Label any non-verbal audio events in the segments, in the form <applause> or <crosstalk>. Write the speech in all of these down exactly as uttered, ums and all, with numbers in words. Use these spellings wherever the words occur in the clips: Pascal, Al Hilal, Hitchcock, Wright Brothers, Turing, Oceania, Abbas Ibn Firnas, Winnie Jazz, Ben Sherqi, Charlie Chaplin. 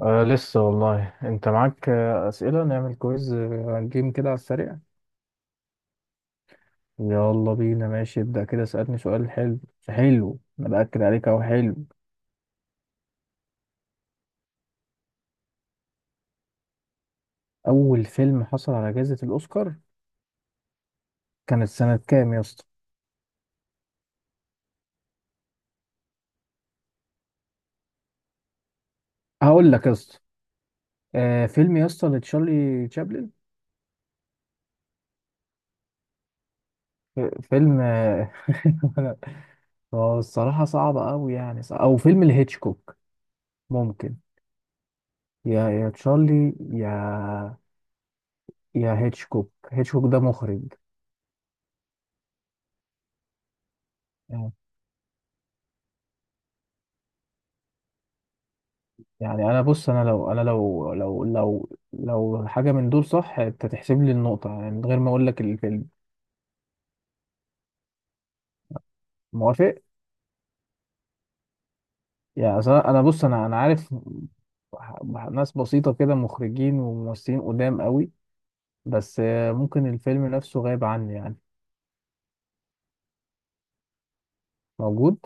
آه لسه والله انت معاك، آه، اسئله نعمل كويز، آه، جيم كده على السريع. يلا بينا. ماشي ابدا كده، اسالني سؤال حلو. حلو، انا باكد عليك اهو. حلو، اول فيلم حصل على جائزه الاوسكار كانت سنه كام يا اسطى؟ هقول لك يا اسطى. آه، فيلم يا اسطى لتشارلي تشابلن. ف- فيلم، آه، <laughs> هو الصراحه صعب قوي، يعني صعب. او فيلم لهيتشكوك، ممكن. يا يا تشارلي، يا يا هيتشكوك. هيتشكوك ده مخرج. آه، يعني انا بص، انا لو انا لو لو لو لو حاجه من دول صح انت تحسب لي النقطه، يعني من غير ما اقول لك الفيلم. موافق؟ يعني أصل انا، أنا بص انا انا عارف ح- ناس بسيطه كده، مخرجين وممثلين قدام قوي. بس، آه، ممكن الفيلم نفسه غايب عني يعني. موجود.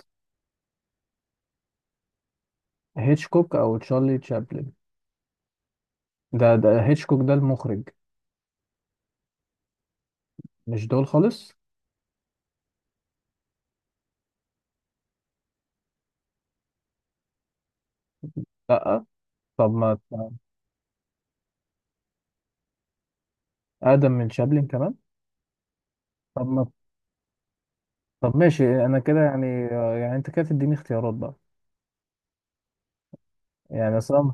هيتشكوك او تشارلي تشابلن. ده ده هيتشكوك ده المخرج. مش دول خالص. لا طب ما اقدم من شابلن كمان. طب ما طب ماشي انا كده يعني، يعني انت كده تديني اختيارات بقى. يعني اصلا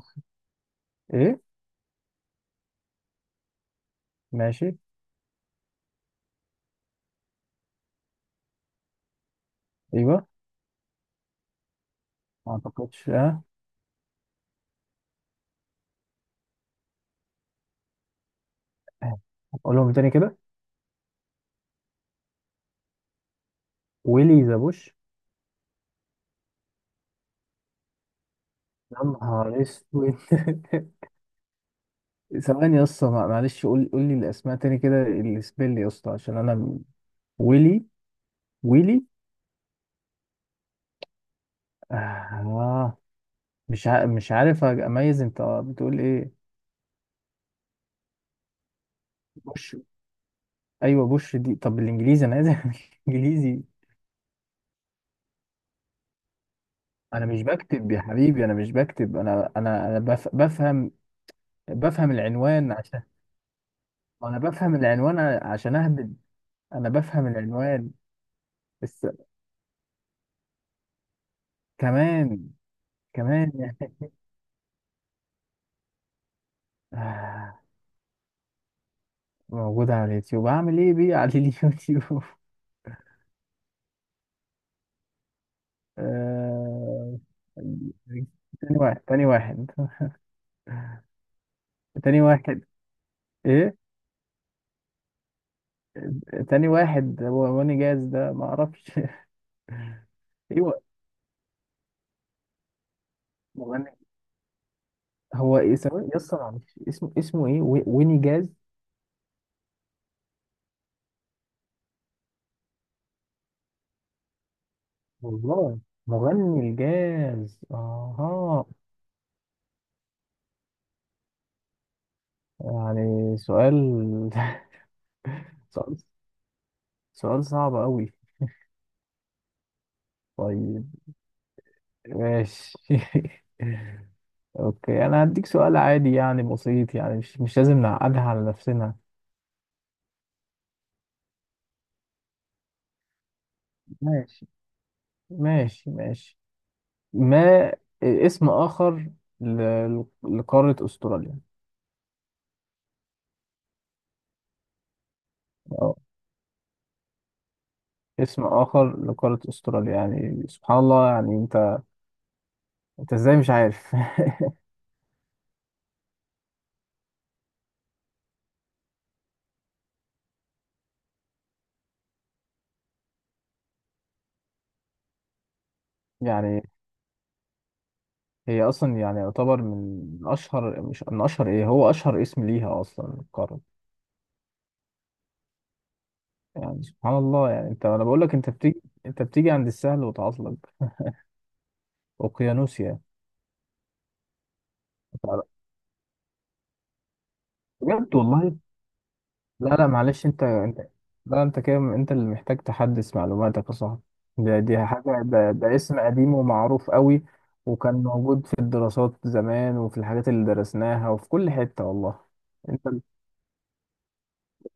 ايه. ماشي. ايوه. ما اعتقدش اه. قولهم تاني كده. ويلي ذا بوش. يا نهار اسود. <laughs> ثواني يا اسطى، مع- معلش قول، قول لي الاسماء تاني كده السبيل يا اسطى عشان انا م- ويلي. ويلي، آه. مش ع... مش عارف أج- اميز انت بتقول ايه. بوش. ايوه بوش دي طب بالانجليزي انا عايز. <laughs> انجليزي. انا مش بكتب يا حبيبي، انا مش بكتب، انا انا انا بف... بفهم، بفهم العنوان عشان، انا بفهم العنوان ع- عشان اهبط. انا بفهم العنوان. بس كمان. كمان يعني. آه. موجودة على اليوتيوب، اعمل ايه بيه على اليوتيوب؟ <laughs> آه. تاني واحد، تاني واحد. <laughs> تاني واحد، ايه؟ تاني واحد هو واني جاز ده، ما اعرفش. <laughs> ايوه. مغني، هو ايه سواء يسطا معلش، اسمه، اسمه ايه؟ وي- ويني جاز. والله. مغني الجاز، اها. يعني سؤال، <laughs> سؤال، سؤال صعب قوي. طيب ماشي. <laughs> اوكي، انا هديك سؤال عادي يعني بسيط، يعني مش مش لازم نعقدها على نفسنا. ماشي، ماشي، ماشي. ما اسم اخر ل- لقارة استراليا؟ اه. اسم اخر لقارة استراليا، يعني سبحان الله يعني انت، انت ازاي مش عارف؟ <laughs> يعني هي اصلا يعني يعتبر من اشهر، مش من اشهر، ايه، هو اشهر اسم ليها اصلا القارة. يعني سبحان الله يعني انت، انا بقول لك انت بتيجي، انت بتيجي عند السهل وتعطل. اوقيانوسيا. بجد والله. لا لا معلش انت، انت. لا انت كده، انت اللي محتاج تحدث معلوماتك يا صاحبي. ده دي حاجة، ده, ده اسم قديم ومعروف قوي. وكان موجود في الدراسات زمان، وفي الحاجات اللي درسناها، وفي كل حتة والله. انت،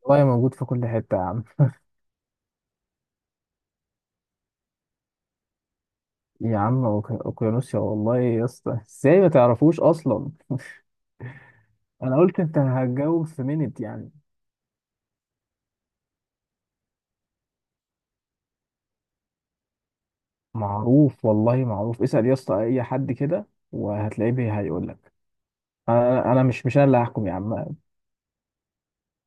والله موجود في كل حتة يا عم. يا عم، أوك- اوقيانوسيا والله يا اسطى، ازاي ما تعرفوش اصلا؟ انا قلت انت هتجاوب في منت يعني. معروف والله معروف، اسأل يا اسطى اي حد كده وهتلاقيه بي- هيقول لك. انا، أنا مش مش انا اللي هحكم يا عم.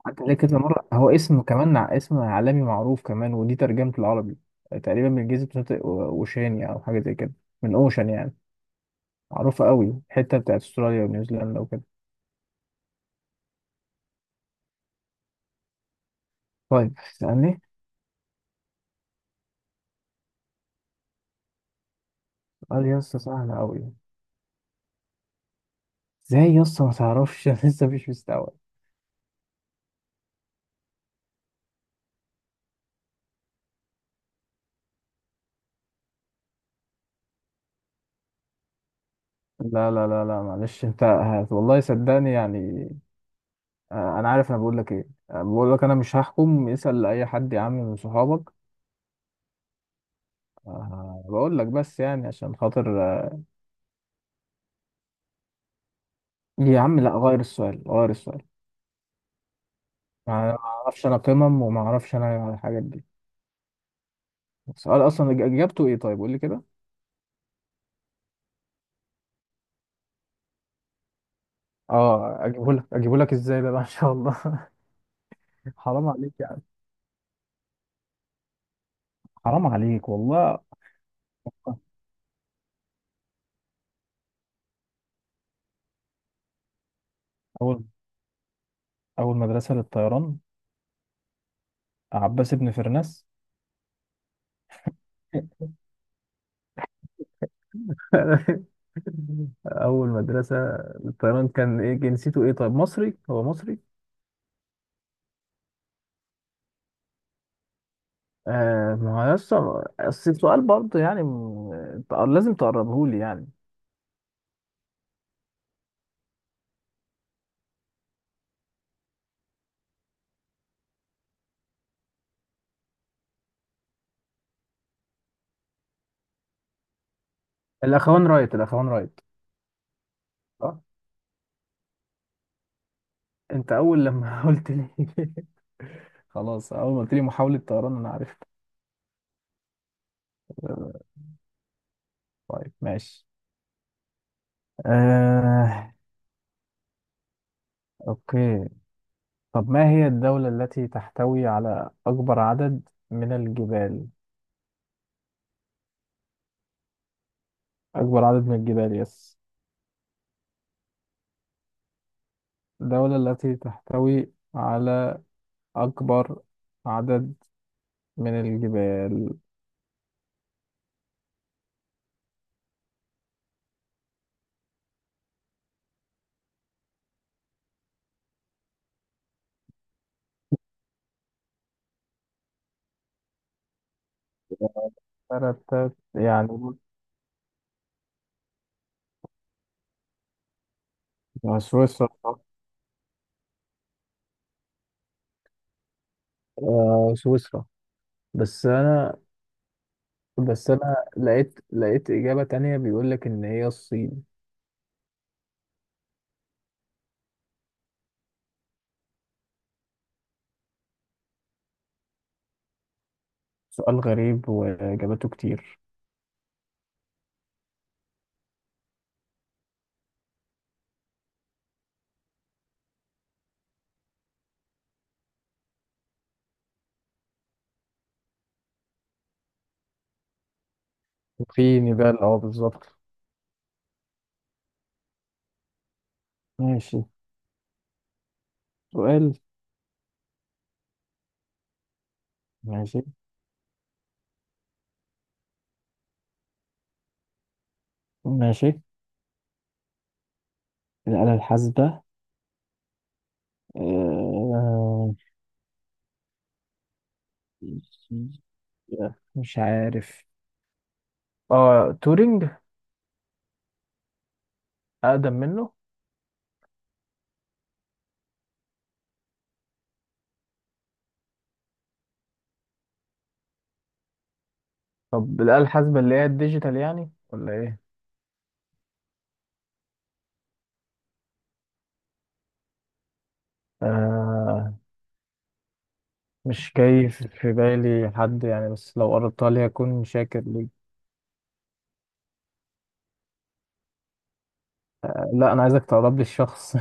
حتى عليه كذا مره، هو اسم كمان ع- اسم عالمي معروف كمان. ودي ترجمه العربي، آه، تقريبا من جزيره شاطئ، أو- اوشينيا او حاجه زي كده، من اوشن يعني. معروفه قوي الحته بتاعت استراليا ونيوزيلندا وكده. طيب سألني. قال يا اسطى سهله قوي، ازاي يا اسطى ما تعرفش؟ <laughs> أنا لسه مش مستوعب. لا لا لا لا معلش، انت هت- والله صدقني يعني. آه، انا عارف، انا بقول لك ايه، آه، بقول لك انا مش هحكم، اسأل اي حد يا عم من صحابك. آه، بقول لك بس يعني عشان خاطر. يا عم لا، غير السؤال، غير السؤال. ما ما اعرفش انا قمم، وما اعرفش انا الحاجات دي. السؤال اصلا إج- اجابته ايه طيب، قول لي كده. اه اجيبه لك، اجيبه لك ازاي ده بقى؟ <laughs> ان شاء الله. <laughs> حرام عليك يا عم، حرام عليك والله. اول، اول مدرسة للطيران، عباس بن فرناس. <laughs> اول مدرسه الطيران كان ايه جنسيته، ايه طيب، مصري؟ هو مصري؟ آه، ما هو يسطا اصل السؤال برضه يعني، م- تق- لازم تقربه لي يعني. الاخوان رايت، الاخوان رايت. صح، انت اول لما <laughs> قلت لي، خلاص اول ما قلت لي محاولة طيران انا عرفت. آه، طيب ماشي. آه، اوكي. طب ما هي الدولة التي تحتوي على اكبر عدد من الجبال؟ اكبر عدد من الجبال يس. الدولة التي تحتوي على اكبر عدد من الجبال. تلاتة- يعني سويسرا صح؟ آه، سويسرا. بس انا، بس انا لقيت، لقيت اجابة تانية بيقول لك ان هي الصين. سؤال غريب وإجاباته كتير. في نبال اه بالظبط. ماشي، سؤال. ماشي، ماشي. الآلة الحاسبة، آه، مش عارف. اه تورينج. اقدم منه. طب الآلة الحاسبة اللي هي الديجيتال يعني ولا ايه؟ آه، مش جاي في في بالي حد يعني، بس لو قربتها لي هكون شاكر ليك. آه، لا أنا عايزك تقرب لي الشخص.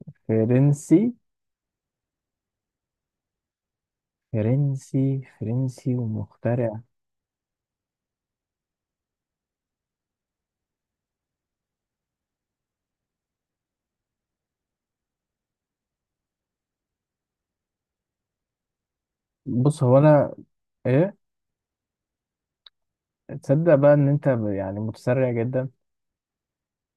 <laughs> فرنسي. فرنسي، فرنسي ومخترع. بص هو انا، ايه؟ تصدق بقى ان انت ب- يعني متسرع جدا؟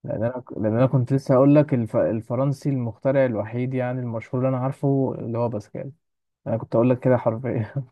لان انا ك- لان انا كنت لسه هقول لك الف... الفرنسي المخترع الوحيد يعني المشهور اللي انا عارفه اللي هو باسكال. انا كنت اقول لك كده حرفيا.